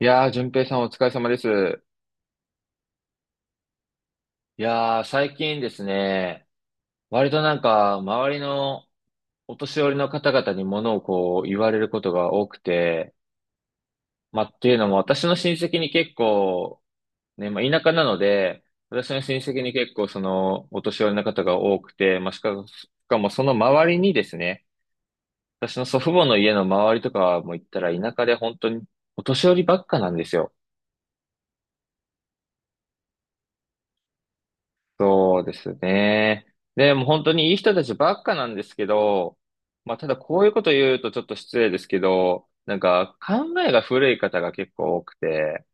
いやー、淳平さんお疲れ様です。いやー、最近ですね、割となんか、周りのお年寄りの方々に物をこう、言われることが多くて、まあ、っていうのも、私の親戚に結構、ね、まあ、田舎なので、私の親戚に結構、その、お年寄りの方が多くて、まあ、しかも、その周りにですね、私の祖父母の家の周りとかはもう行ったら田舎で本当にお年寄りばっかなんですよ。そうですね。でもう本当にいい人たちばっかなんですけど、まあただこういうこと言うとちょっと失礼ですけど、なんか考えが古い方が結構多くて、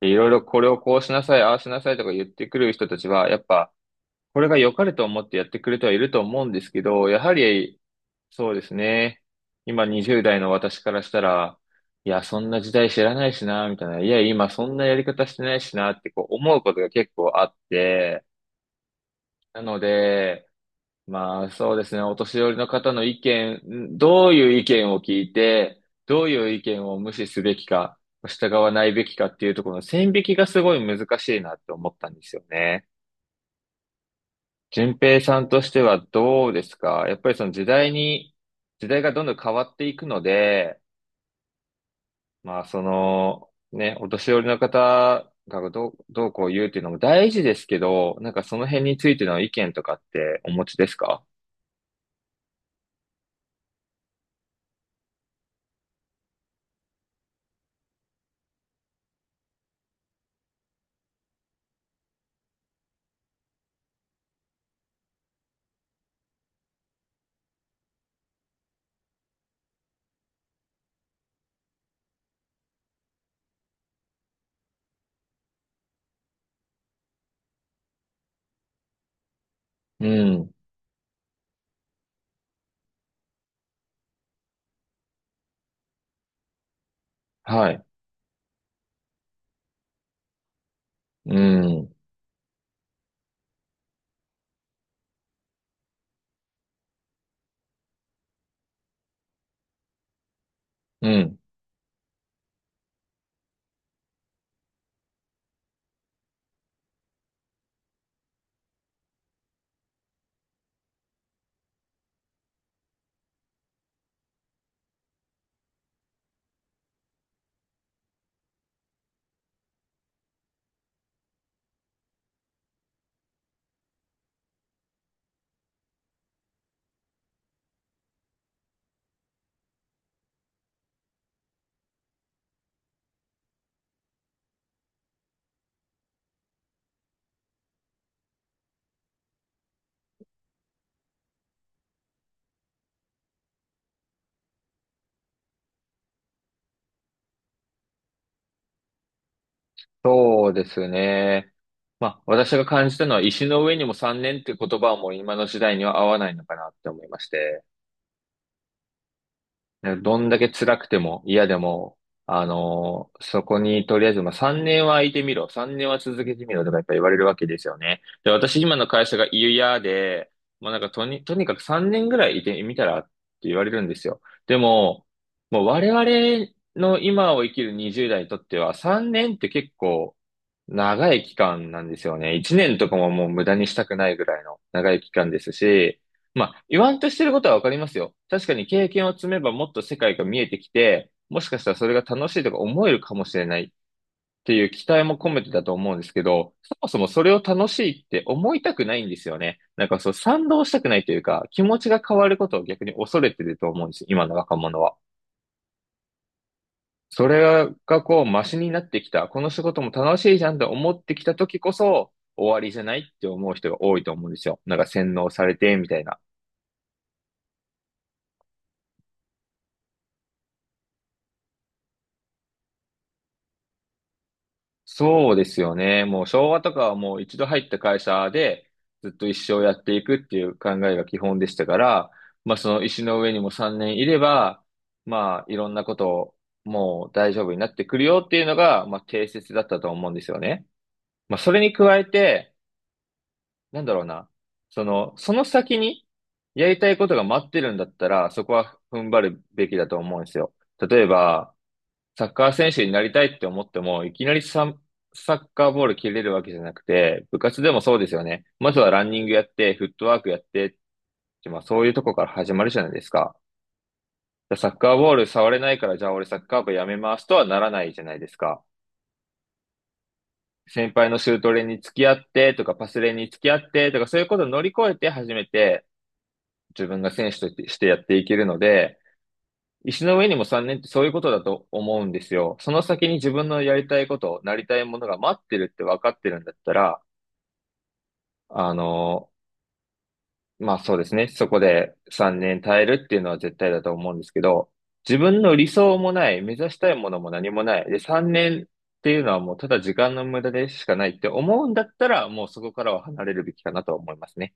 いろいろこれをこうしなさい、ああしなさいとか言ってくる人たちは、やっぱこれが良かれと思ってやってくれてはいると思うんですけど、やはりそうですね。今20代の私からしたら、いや、そんな時代知らないしな、みたいな。いや、今そんなやり方してないしなってこう思うことが結構あって、なので、まあそうですね、お年寄りの方の意見、どういう意見を聞いて、どういう意見を無視すべきか、従わないべきかっていうところの線引きがすごい難しいなって思ったんですよね。順平さんとしてはどうですか？やっぱりその時代に、時代がどんどん変わっていくので、まあその、ね、お年寄りの方がどうこう言うっていうのも大事ですけど、なんかその辺についての意見とかってお持ちですか？うん。はい。うん。うん。そうですね。まあ、私が感じたのは、石の上にも3年っていう言葉はもう今の時代には合わないのかなって思いまして、どんだけ辛くても嫌でも、そこにとりあえず、まあ、3年は空いてみろ、3年は続けてみろとかやっぱ言われるわけですよね。で、私今の会社が嫌で、もうなんかとにかく3年ぐらいいてみたらって言われるんですよ。でも、もう我々の今を生きる20代にとっては3年って結構、長い期間なんですよね。一年とかももう無駄にしたくないぐらいの長い期間ですし、まあ、言わんとしてることはわかりますよ。確かに経験を積めばもっと世界が見えてきて、もしかしたらそれが楽しいとか思えるかもしれないっていう期待も込めてだと思うんですけど、そもそもそれを楽しいって思いたくないんですよね。なんかそう賛同したくないというか、気持ちが変わることを逆に恐れてると思うんですよ、今の若者は。それがこう、マシになってきた。この仕事も楽しいじゃんって思ってきた時こそ、終わりじゃないって思う人が多いと思うんですよ。なんか洗脳されて、みたいな。そうですよね。もう昭和とかはもう一度入った会社で、ずっと一生やっていくっていう考えが基本でしたから、まあその石の上にも3年いれば、まあいろんなことをもう大丈夫になってくるよっていうのが、まあ定説だったと思うんですよね。まあそれに加えて、なんだろうな。その先にやりたいことが待ってるんだったら、そこは踏ん張るべきだと思うんですよ。例えば、サッカー選手になりたいって思っても、いきなりサッカーボール蹴れるわけじゃなくて、部活でもそうですよね。まずはランニングやって、フットワークやって、まあそういうとこから始まるじゃないですか。サッカーボール触れないから、じゃあ俺サッカー部やめますとはならないじゃないですか。先輩のシュート練に付き合ってとか、パス練に付き合ってとか、そういうことを乗り越えて初めて、自分が選手としてやっていけるので、石の上にも3年ってそういうことだと思うんですよ。その先に自分のやりたいこと、なりたいものが待ってるって分かってるんだったら、あの、まあそうですね。そこで3年耐えるっていうのは絶対だと思うんですけど、自分の理想もない、目指したいものも何もない。で、3年っていうのはもうただ時間の無駄でしかないって思うんだったら、もうそこからは離れるべきかなと思いますね。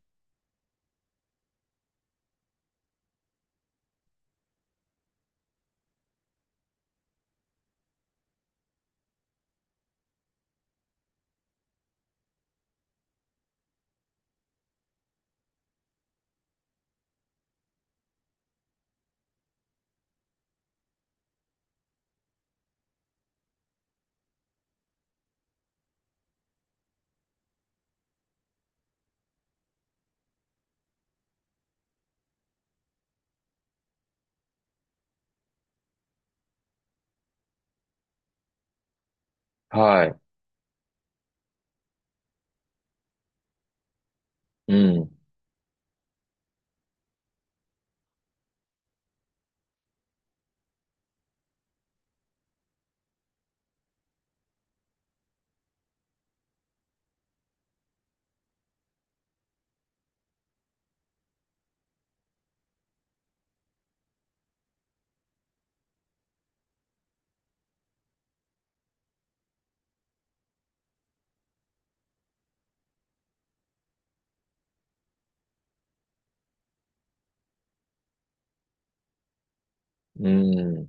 はい。うん。うん。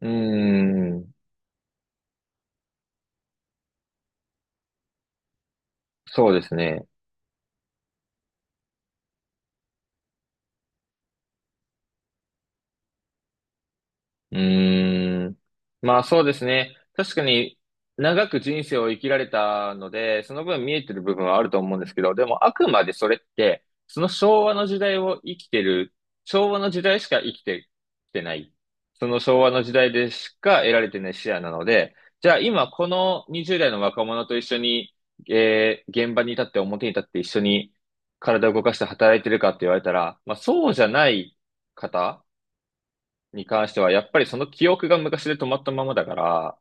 うん。そうですね。うーん。まあそうですね。確かに長く人生を生きられたので、その分見えてる部分はあると思うんですけど、でもあくまでそれって、その昭和の時代を生きてる、昭和の時代しか生きてきてない。その昭和の時代でしか得られてない視野なので、じゃあ今この20代の若者と一緒に、現場に立って表に立って一緒に体を動かして働いてるかって言われたら、まあそうじゃない方に関しては、やっぱりその記憶が昔で止まったままだから、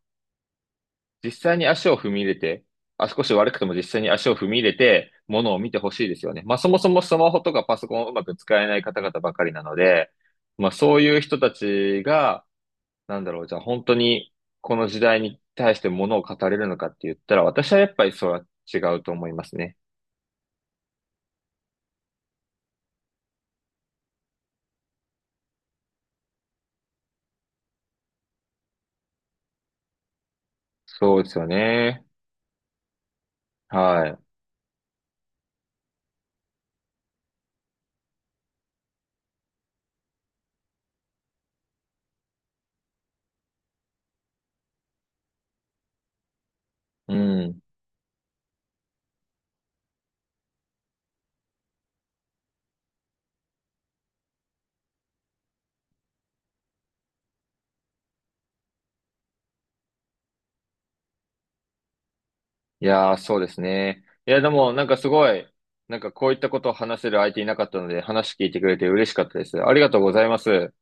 実際に足を踏み入れて、あ、少し悪くても実際に足を踏み入れて、ものを見てほしいですよね。まあそもそもスマホとかパソコンをうまく使えない方々ばかりなので、まあそういう人たちが、なんだろう、じゃあ本当にこの時代に対してものを語れるのかって言ったら、私はやっぱりそれは違うと思いますね。そうですよね。はい。うん。いやー、そうですね。いや、でも、なんかすごい、なんかこういったことを話せる相手いなかったので、話聞いてくれて嬉しかったです。ありがとうございます。